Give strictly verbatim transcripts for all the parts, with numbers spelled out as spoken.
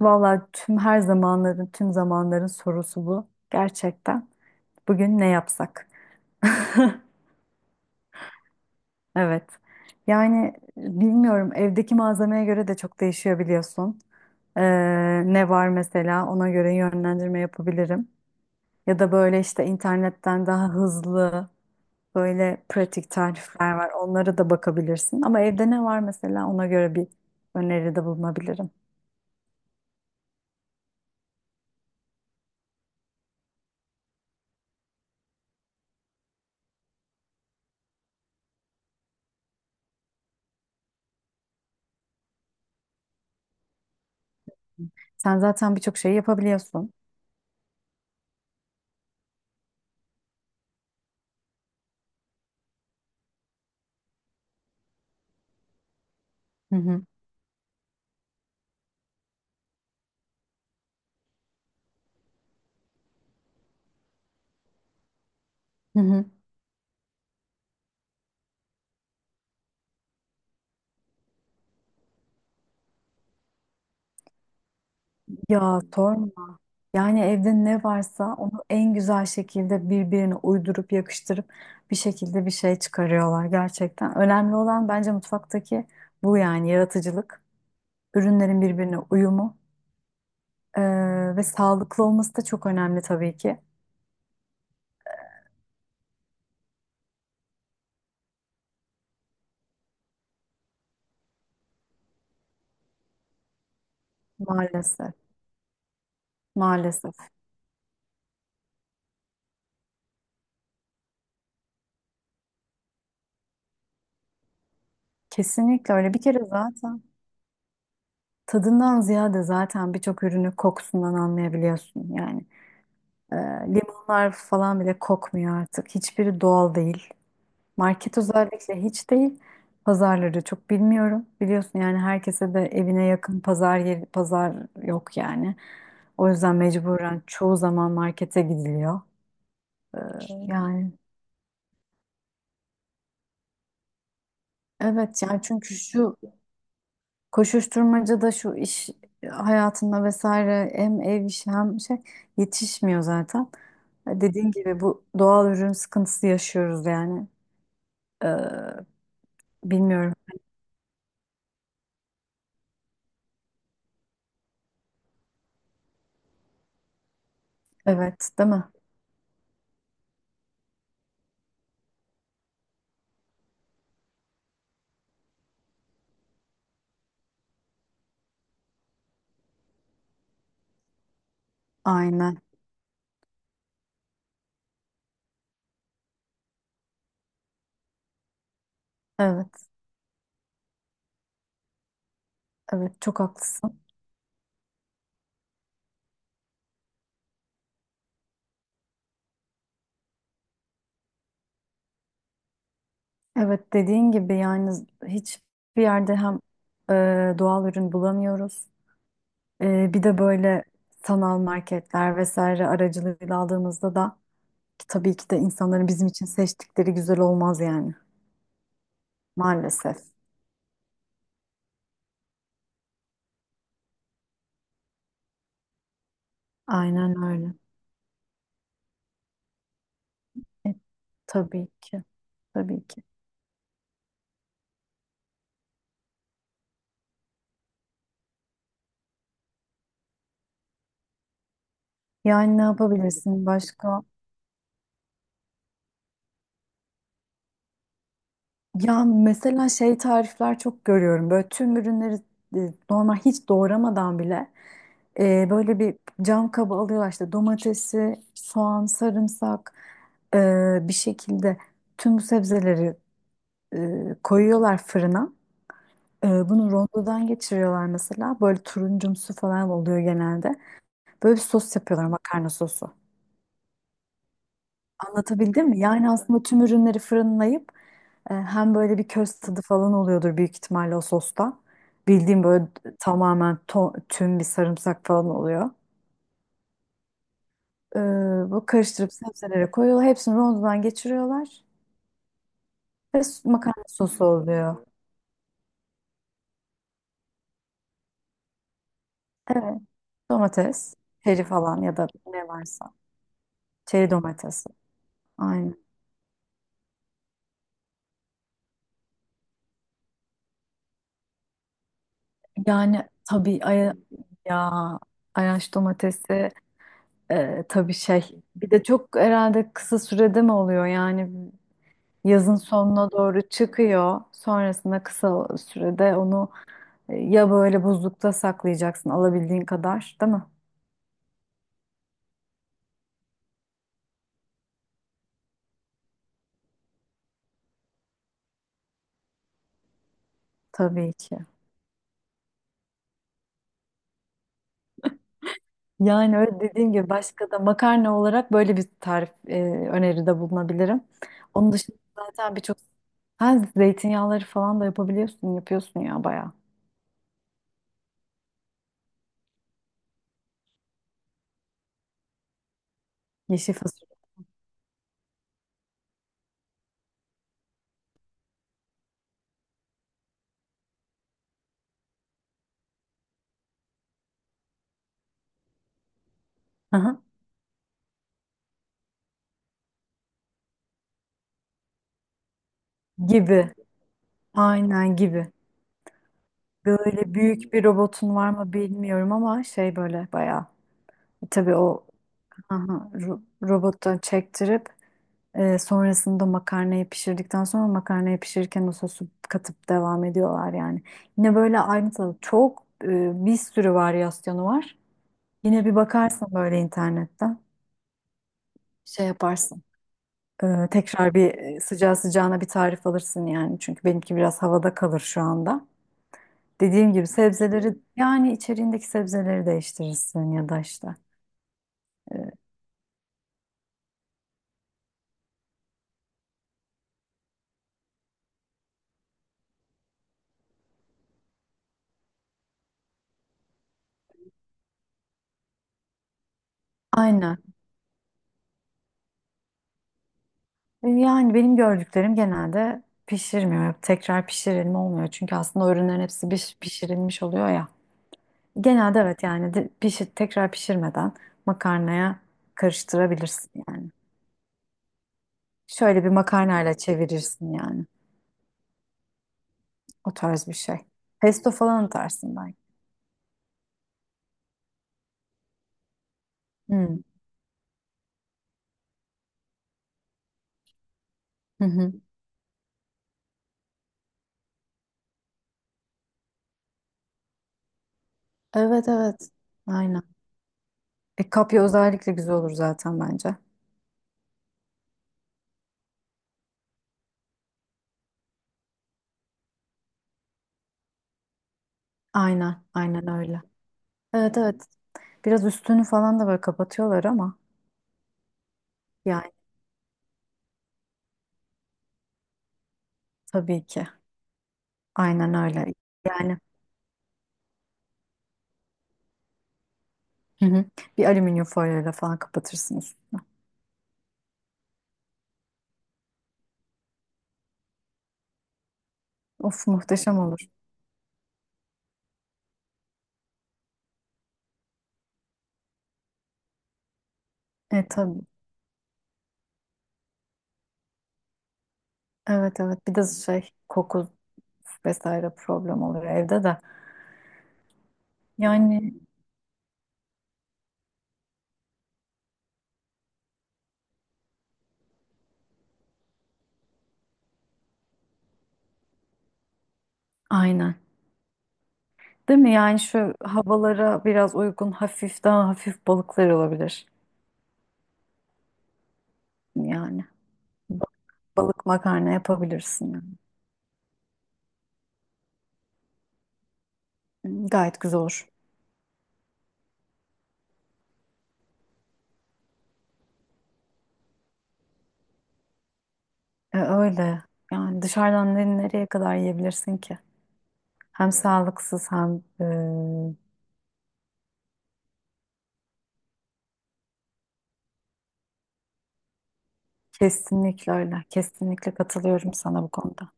Vallahi tüm her zamanların, tüm zamanların sorusu bu. Gerçekten. Bugün ne yapsak? Evet. Yani bilmiyorum, evdeki malzemeye göre de çok değişiyor biliyorsun. Ee, Ne var mesela, ona göre yönlendirme yapabilirim. Ya da böyle işte internetten daha hızlı, böyle pratik tarifler var. Onlara da bakabilirsin. Ama evde ne var mesela, ona göre bir öneride bulunabilirim. Sen zaten birçok şey yapabiliyorsun. Hı hı. Hı hı. Ya sorma. Yani evde ne varsa onu en güzel şekilde birbirine uydurup yakıştırıp bir şekilde bir şey çıkarıyorlar gerçekten. Önemli olan bence mutfaktaki bu, yani yaratıcılık, ürünlerin birbirine uyumu eee, ve sağlıklı olması da çok önemli tabii ki. Maalesef, maalesef. Kesinlikle öyle. Bir kere zaten tadından ziyade zaten birçok ürünü kokusundan anlayabiliyorsun yani. Eee, Limonlar falan bile kokmuyor artık. Hiçbiri doğal değil. Market özellikle hiç değil. Pazarları çok bilmiyorum. Biliyorsun yani, herkese de evine yakın pazar yeri, pazar yok yani. O yüzden mecburen çoğu zaman markete gidiliyor. Ee, Yani evet, yani çünkü şu koşuşturmacada, şu iş hayatında vesaire, hem ev işi hem şey, yetişmiyor zaten. E, dediğin gibi bu doğal ürün sıkıntısı yaşıyoruz yani. Ee, Bilmiyorum. Evet, değil mi? Aynen. Evet, evet çok haklısın. Evet, dediğin gibi yani z- hiçbir yerde hem e, doğal ürün bulamıyoruz. E, bir de böyle sanal marketler vesaire aracılığıyla aldığımızda da, ki tabii ki de insanların bizim için seçtikleri güzel olmaz yani, maalesef. Aynen öyle. E, tabii ki, tabii ki. Yani ne yapabilirsin başka? Ya mesela şey, tarifler çok görüyorum. Böyle tüm ürünleri e, normal, hiç doğramadan bile e, böyle bir cam kaba alıyorlar, işte domatesi, soğan, sarımsak, e, bir şekilde tüm bu sebzeleri e, koyuyorlar fırına. E, bunu rondodan geçiriyorlar mesela. Böyle turuncumsu falan oluyor genelde. Böyle bir sos yapıyorlar, makarna sosu. Anlatabildim mi? Yani aslında tüm ürünleri fırınlayıp, e, hem böyle bir köz tadı falan oluyordur büyük ihtimalle o sosta. Bildiğim böyle tamamen to- tüm bir sarımsak falan oluyor. E, bu karıştırıp sebzelere koyuyorlar. Hepsini rondodan geçiriyorlar. Ve s- makarna sosu oluyor. Evet. Domates, çeri falan ya da ne varsa. Çeri domatesi. Aynen. Yani tabii aya- ya Ayaş domatesi e, tabii şey. Bir de çok herhalde kısa sürede mi oluyor yani, yazın sonuna doğru çıkıyor. Sonrasında kısa sürede onu e, ya böyle buzlukta saklayacaksın alabildiğin kadar, değil mi? Tabii ki. Yani öyle, dediğim gibi başka da makarna olarak böyle bir tarif e, öneride bulunabilirim. Onun dışında zaten birçok, ha, zeytinyağları falan da yapabiliyorsun, yapıyorsun ya bayağı. Yeşil fasulye. Aha. Gibi. Aynen, gibi. Böyle büyük bir robotun var mı bilmiyorum, ama şey böyle bayağı. E, tabii o, aha, ro- robota çektirip e, sonrasında makarnayı pişirdikten sonra, makarnayı pişirirken o sosu katıp devam ediyorlar yani. Yine böyle aynı tadı, çok e, bir sürü varyasyonu var. Yine bir bakarsın böyle internetten, şey yaparsın. E, tekrar bir e, sıcağı sıcağına bir tarif alırsın yani. Çünkü benimki biraz havada kalır şu anda. Dediğim gibi sebzeleri, yani içeriğindeki sebzeleri değiştirirsin ya da işte. E, aynen. E, yani benim gördüklerim genelde pişirmiyor. Hep tekrar pişirilme olmuyor. Çünkü aslında o ürünlerin hepsi piş- pişirilmiş oluyor ya. Genelde evet, yani di- pişir, tekrar pişirmeden makarnaya karıştırabilirsin yani. Şöyle bir makarnayla çevirirsin yani. O tarz bir şey. Pesto falan atarsın belki. Hmm. Hı hı. Evet, evet. Aynen. E, kapya özellikle güzel olur zaten bence. Aynen. Aynen öyle. Evet, evet. Biraz üstünü falan da böyle kapatıyorlar ama yani, tabii ki. Aynen öyle. Yani hı hı. Bir alüminyum folyoyla falan kapatırsın üstüne. Of, muhteşem olur. E, tabii. Evet, evet. Bir de şey, koku vesaire problem olur evde de. Yani aynen. Değil mi? Yani şu havalara biraz uygun hafif, daha hafif balıklar olabilir. Yani ba- balık makarna yapabilirsin yani. Gayet güzel olur. E, öyle. Yani dışarıdan ne- nereye kadar yiyebilirsin ki? Hem sağlıksız hem, kesinlikle öyle. Kesinlikle katılıyorum sana bu konuda.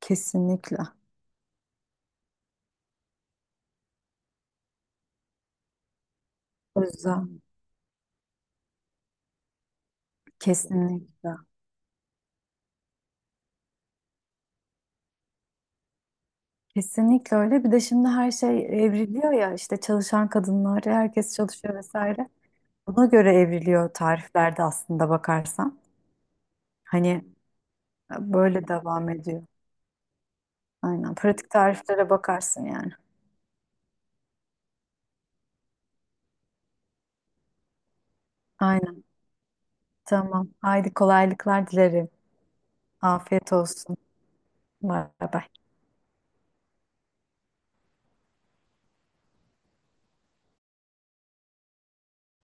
Kesinlikle. Özlem. Kesinlikle. Kesinlikle öyle. Bir de şimdi her şey evriliyor ya, işte çalışan kadınlar, herkes çalışıyor vesaire. Buna göre evriliyor tariflerde, aslında bakarsan. Hani böyle devam ediyor. Aynen. Pratik tariflere bakarsın yani. Aynen. Tamam. Haydi, kolaylıklar dilerim. Afiyet olsun. Bay bay.